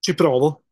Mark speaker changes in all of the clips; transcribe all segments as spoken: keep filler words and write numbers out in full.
Speaker 1: Ci provo.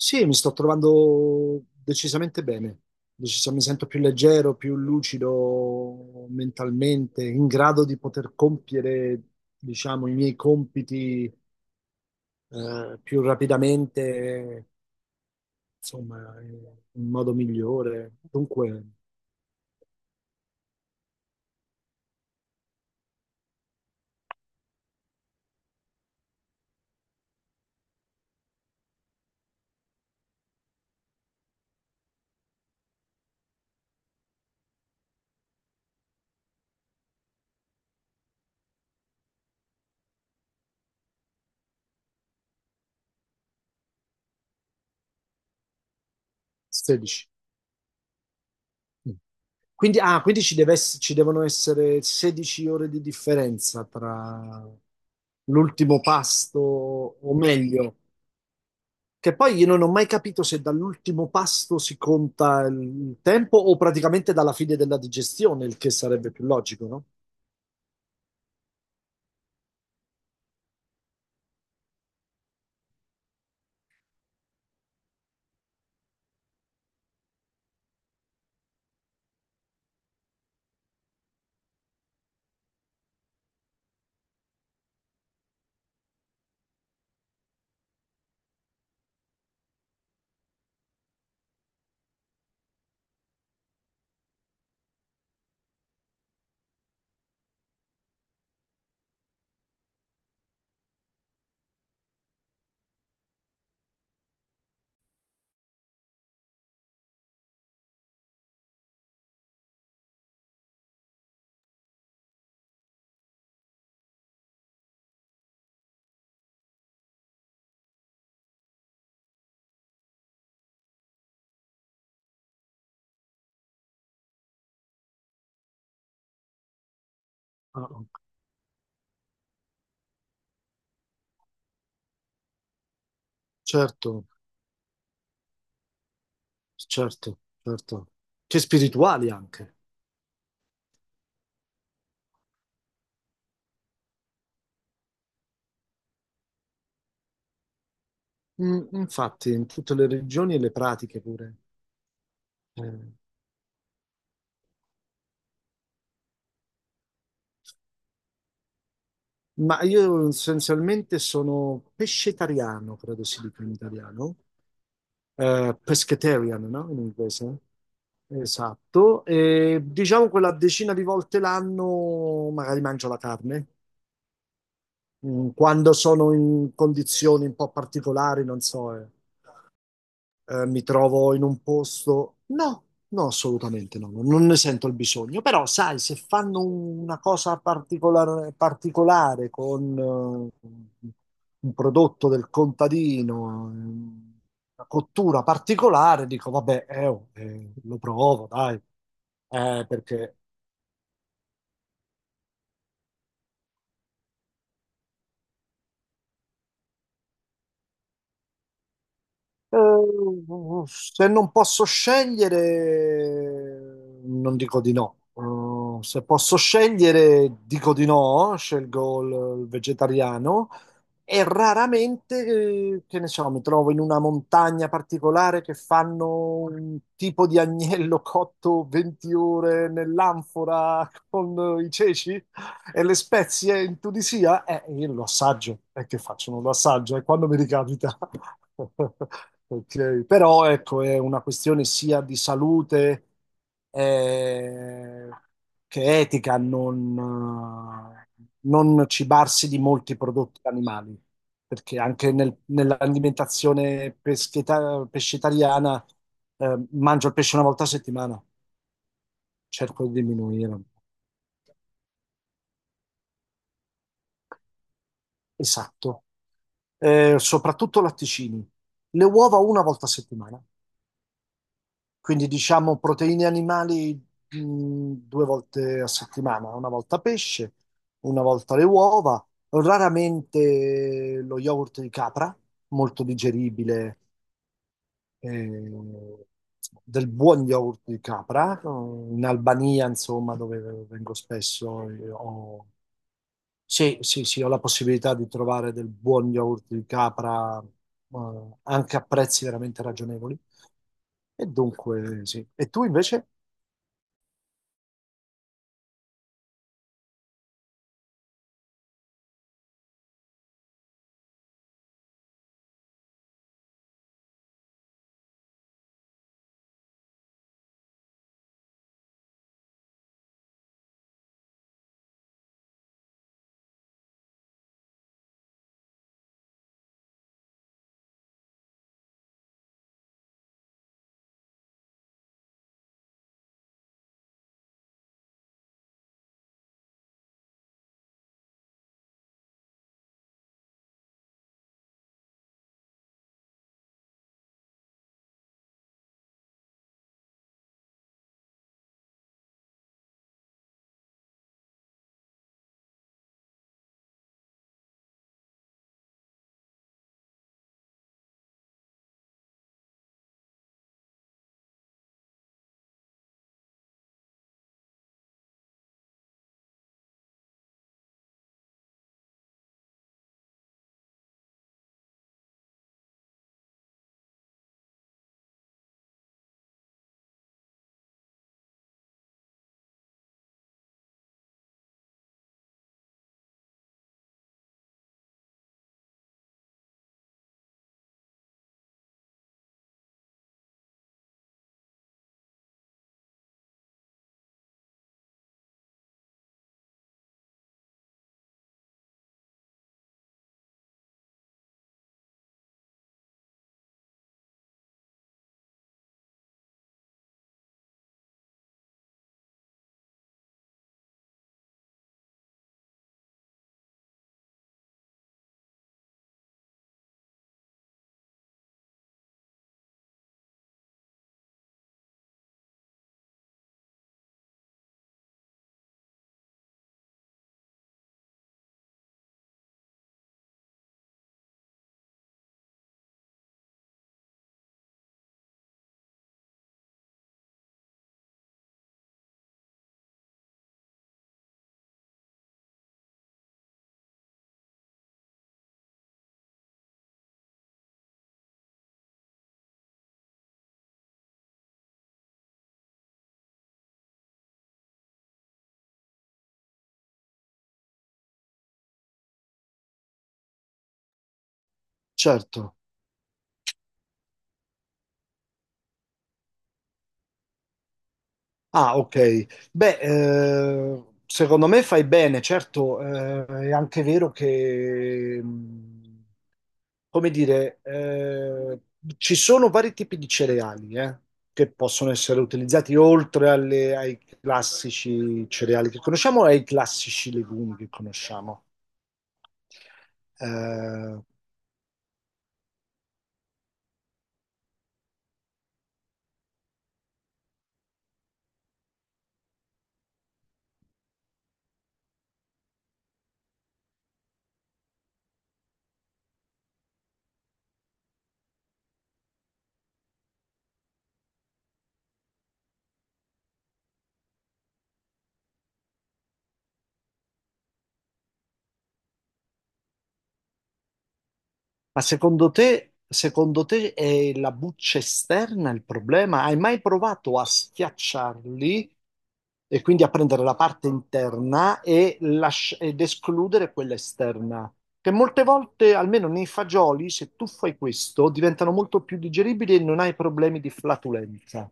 Speaker 1: Sì, mi sto trovando decisamente bene. Decisa- mi sento più leggero, più lucido mentalmente, in grado di poter compiere, diciamo, i miei compiti, eh, più rapidamente, insomma, in modo migliore. Dunque, sedici. Quindi, ah, quindi ci deve ess- ci devono essere sedici ore di differenza tra l'ultimo pasto, o meglio. Che poi io non ho mai capito se dall'ultimo pasto si conta il tempo o praticamente dalla fine della digestione, il che sarebbe più logico, no? Ah, certo, certo, certo. Che spirituali anche. Mm, infatti, in tutte le religioni e le pratiche pure. Eh, Ma io essenzialmente sono pescetariano, credo si dica in italiano. Eh, pescatarian, no? In inglese. Esatto. E diciamo quella decina di volte l'anno magari mangio la carne. Mm, quando sono in condizioni un po' particolari, non so. Eh eh, mi trovo in un posto. No, no, assolutamente no, non ne sento il bisogno. Però, sai, se fanno una cosa particolare, particolare con eh, un prodotto del contadino, eh, una cottura particolare, dico, vabbè, eh, oh, eh, lo provo, dai. Eh, perché Eh, se non posso scegliere, non dico di no. Eh, se posso scegliere, dico di no, scelgo il, il vegetariano e raramente, eh, che ne so, mi trovo in una montagna particolare che fanno un tipo di agnello cotto venti ore nell'anfora con eh, i ceci. E le spezie in Tunisia, eh, io lo assaggio, è che faccio, non lo assaggio, è quando mi ricapita. Ok. Però ecco, è una questione sia di salute eh, che etica, non, eh, non cibarsi di molti prodotti animali, perché anche nel- nell'alimentazione pescheta- pescetariana eh, mangio il pesce una volta a settimana, cerco di diminuire. Esatto. Eh, soprattutto latticini. Le uova una volta a settimana, quindi diciamo proteine animali mh, due volte a settimana, una volta pesce, una volta le uova, raramente lo yogurt di capra, molto digeribile, eh, del buon yogurt di capra, eh, in Albania, insomma, dove vengo spesso, eh, ho sì, sì, sì, ho la possibilità di trovare del buon yogurt di capra, eh, anche a prezzi veramente ragionevoli. E dunque, sì. E tu invece? Certo. Ah, ok. Beh, eh, secondo me fai bene, certo, eh, è anche vero che, mh, come dire, eh, ci sono vari tipi di cereali, eh, che possono essere utilizzati oltre alle- ai classici cereali che conosciamo e ai classici legumi che conosciamo. Eh, Ma secondo te, secondo te è la buccia esterna il problema? Hai mai provato a schiacciarli e quindi a prendere la parte interna e lasci- ed escludere quella esterna? Che molte volte, almeno nei fagioli, se tu fai questo, diventano molto più digeribili e non hai problemi di flatulenza.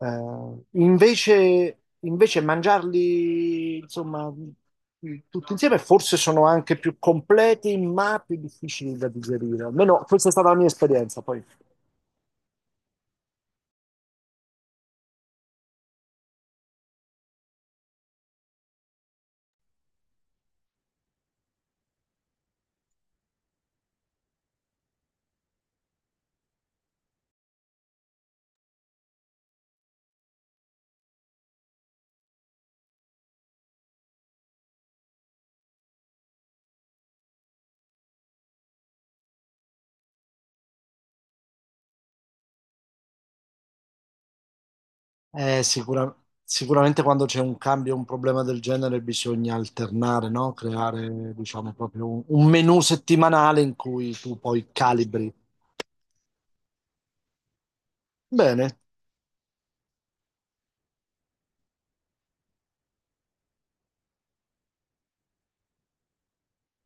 Speaker 1: Eh, invece, invece mangiarli, insomma, tutti insieme forse sono anche più completi, ma più difficili da digerire. Almeno questa è stata la mia esperienza. Poi, Eh, sicura- sicuramente quando c'è un cambio, un problema del genere, bisogna alternare, no? Creare, diciamo, proprio un, un menù settimanale in cui tu poi calibri. Bene,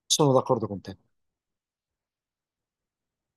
Speaker 1: sono d'accordo con te.